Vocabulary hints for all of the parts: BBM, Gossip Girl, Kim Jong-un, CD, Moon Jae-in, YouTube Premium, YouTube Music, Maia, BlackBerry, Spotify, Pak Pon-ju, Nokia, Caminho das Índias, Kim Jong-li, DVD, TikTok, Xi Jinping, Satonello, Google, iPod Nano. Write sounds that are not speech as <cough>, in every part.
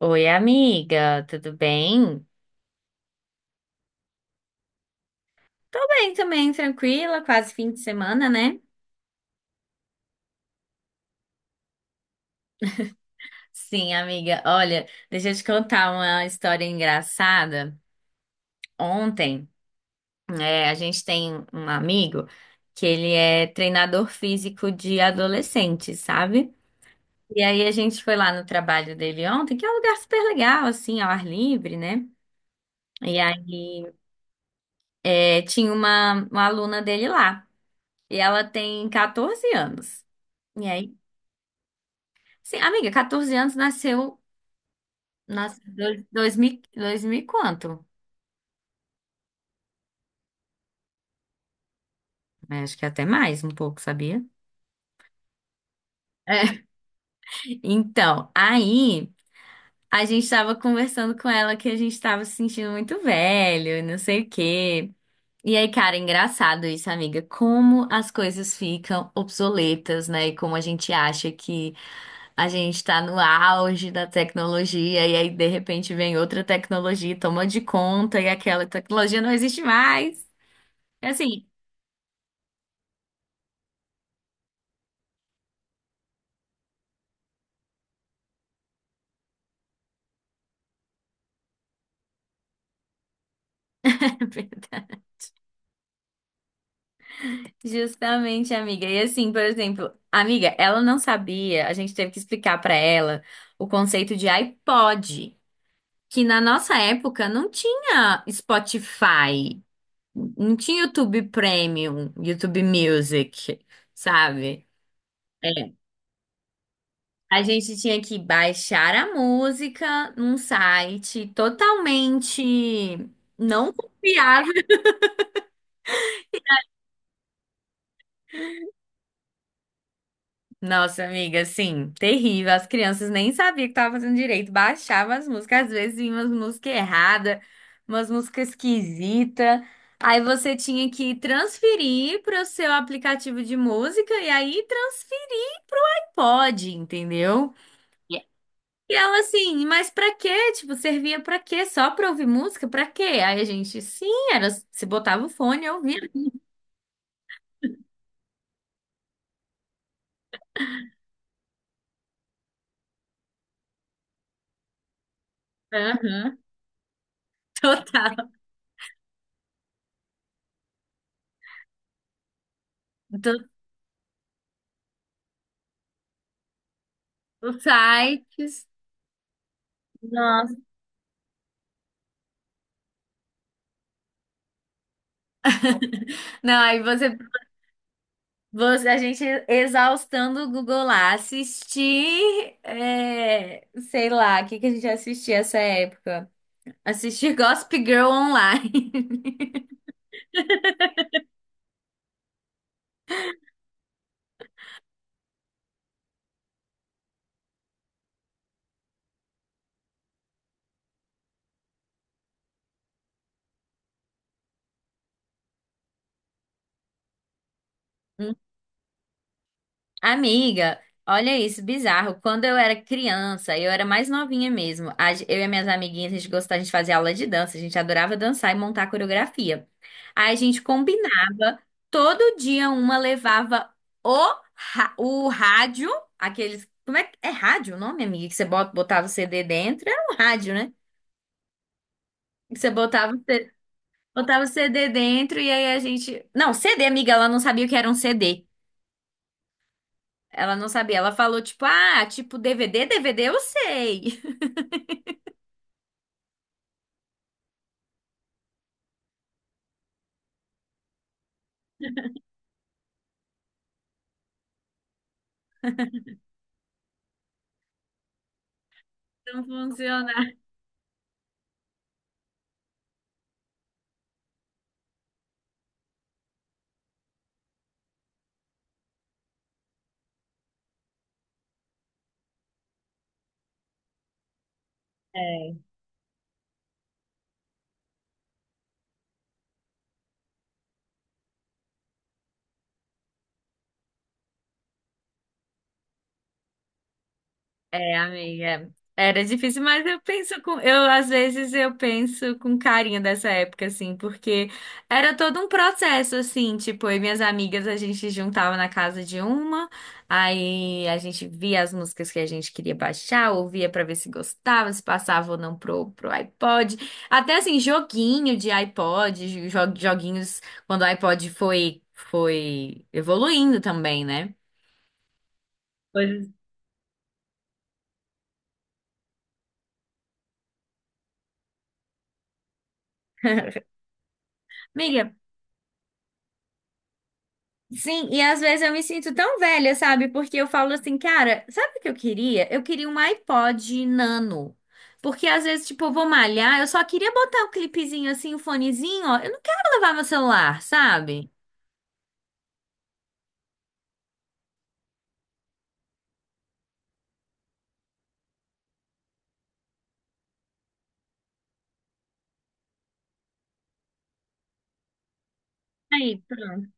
Oi, amiga, tudo bem? Tô bem também, tranquila, quase fim de semana, né? Sim, amiga, olha, deixa eu te contar uma história engraçada. Ontem, a gente tem um amigo que ele é treinador físico de adolescentes, sabe? E aí a gente foi lá no trabalho dele ontem, que é um lugar super legal, assim, ao ar livre, né? E aí, tinha uma aluna dele lá, e ela tem 14 anos. E aí sim, amiga, 14 anos, nasceu dois mil e quanto? É, acho que até mais um pouco, sabia? É. <laughs> Então, aí a gente tava conversando com ela que a gente tava se sentindo muito velho, e não sei o quê. E aí, cara, é engraçado isso, amiga, como as coisas ficam obsoletas, né? E como a gente acha que a gente tá no auge da tecnologia, e aí de repente vem outra tecnologia, e toma de conta, e aquela tecnologia não existe mais. É. Assim, <laughs> justamente, amiga. E assim, por exemplo, amiga, ela não sabia, a gente teve que explicar pra ela o conceito de iPod, que na nossa época não tinha Spotify, não tinha YouTube Premium, YouTube Music, sabe? É. A gente tinha que baixar a música num site totalmente não confiável. Nossa, amiga, assim, terrível. As crianças nem sabiam que estava fazendo direito. Baixava as músicas, às vezes vinha umas músicas erradas, umas músicas esquisitas. Aí você tinha que transferir para o seu aplicativo de música e aí transferir pode, entendeu? E ela assim, mas pra quê? Tipo, servia pra quê? Só pra ouvir música? Pra quê? Aí a gente, sim, era, se botava o fone e ouvia. Aham. <laughs> Total. Todos os sites. Nossa. <laughs> Não, aí você. A gente exaustando o Google lá, assistir, sei lá, o que que a gente assistia essa época? Assistir <laughs> Gossip Girl online. <laughs> Amiga, olha isso, bizarro. Quando eu era criança, eu era mais novinha mesmo. Eu e minhas amiguinhas, a gente gostava, a gente fazia aula de dança, a gente adorava dançar e montar coreografia. Aí a gente combinava, todo dia uma levava o, o rádio, aqueles. Como é que é rádio o nome, amiga? Que você botava o CD dentro? Era um rádio, né? Que você botava o CD dentro e aí a gente. Não, CD, amiga, ela não sabia o que era um CD. Ela não sabia. Ela falou, tipo, ah, tipo, DVD, DVD eu sei. <laughs> Não funciona. É. É, amiga. Era difícil, mas eu penso com, eu às vezes eu penso com carinho dessa época, assim, porque era todo um processo, assim, tipo, eu e minhas amigas a gente juntava na casa de uma, aí a gente via as músicas que a gente queria baixar, ouvia pra ver se gostava, se passava ou não pro iPod, até assim, joguinho de iPod, joguinhos quando o iPod foi evoluindo também, né? Pois. Amiga, sim, e às vezes eu me sinto tão velha, sabe? Porque eu falo assim, cara, sabe o que eu queria? Eu queria um iPod Nano. Porque às vezes, tipo, eu vou malhar, eu só queria botar o clipezinho assim, o fonezinho, ó. Eu não quero levar meu celular, sabe? Aí, pronto.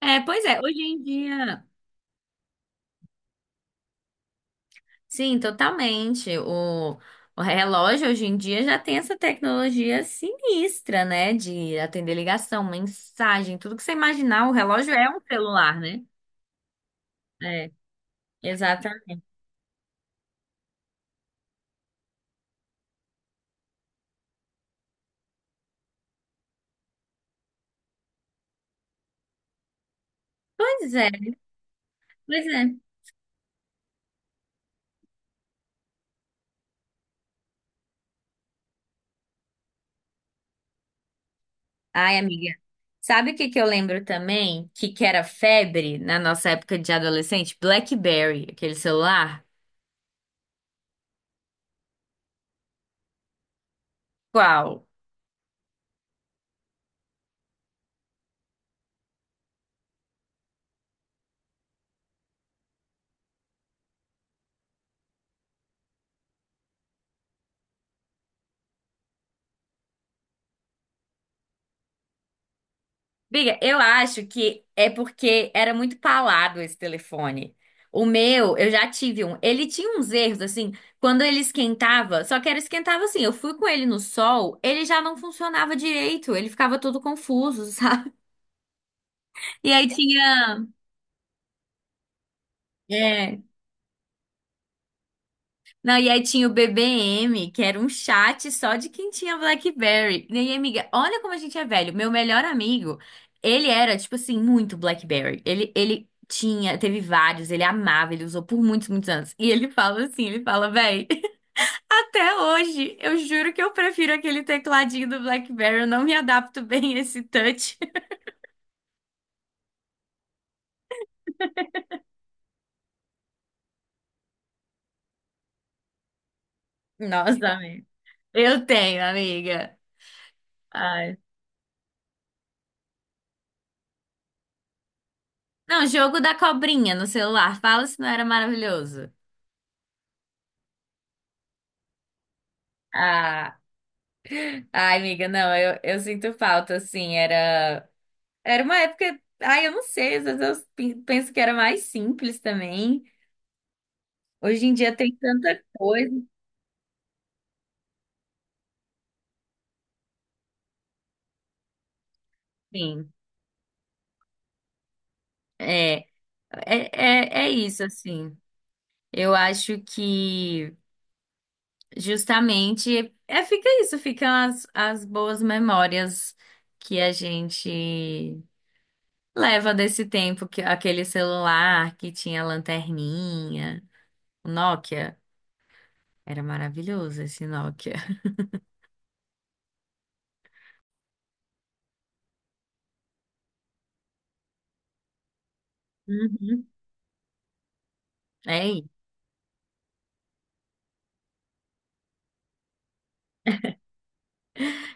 É, pois é, hoje em dia. Sim, totalmente. O relógio hoje em dia já tem essa tecnologia sinistra, né? De atender ligação, mensagem, tudo que você imaginar, o relógio é um celular, né? É, exatamente. Pois é. Pois é. Ai, amiga. Sabe o que que eu lembro também? Que era febre na nossa época de adolescente? BlackBerry, aquele celular. Qual? Amiga, eu acho que é porque era muito palado esse telefone. O meu, eu já tive um. Ele tinha uns erros, assim, quando ele esquentava, só que era esquentava assim. Eu fui com ele no sol, ele já não funcionava direito, ele ficava todo confuso, <laughs> sabe? E aí tinha. É. Não, e aí tinha o BBM, que era um chat só de quem tinha BlackBerry. E aí, amiga, olha como a gente é velho. Meu melhor amigo, ele era, tipo assim, muito BlackBerry. Ele tinha, teve vários, ele amava, ele usou por muitos, muitos anos. E ele fala assim, ele fala, véi, <laughs> até hoje, eu juro que eu prefiro aquele tecladinho do BlackBerry, eu não me adapto bem a esse touch. <laughs> Nossa, amiga. Eu tenho, amiga. Ai. Não, jogo da cobrinha no celular. Fala se não era maravilhoso. Ah. Ai, amiga, não, eu sinto falta, assim, era uma época, ai, eu não sei, às vezes eu penso que era mais simples também, hoje em dia tem tanta coisa, assim, é, é, é isso, assim, eu acho que justamente, fica isso, ficam as boas memórias que a gente leva desse tempo, que aquele celular que tinha lanterninha, o Nokia, era maravilhoso esse Nokia. Uhum. É. Isso.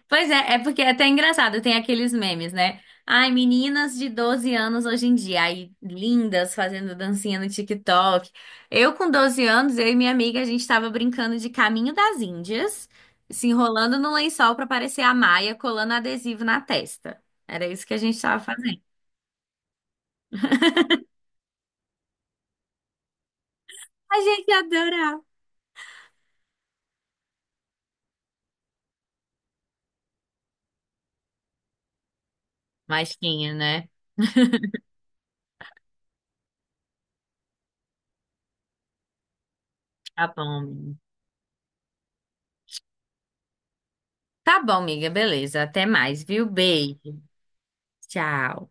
Pois é, é porque é até engraçado, tem aqueles memes, né? Ai, meninas de 12 anos hoje em dia, aí lindas fazendo dancinha no TikTok. Eu com 12 anos, eu e minha amiga, a gente tava brincando de Caminho das Índias, se enrolando no lençol pra parecer a Maia, colando adesivo na testa. Era isso que a gente tava fazendo. <laughs> A gente adorava. Mas tinha, né? <laughs> Tá bom, amiga. Tá bom, amiga, beleza. Até mais, viu? Beijo. Tchau.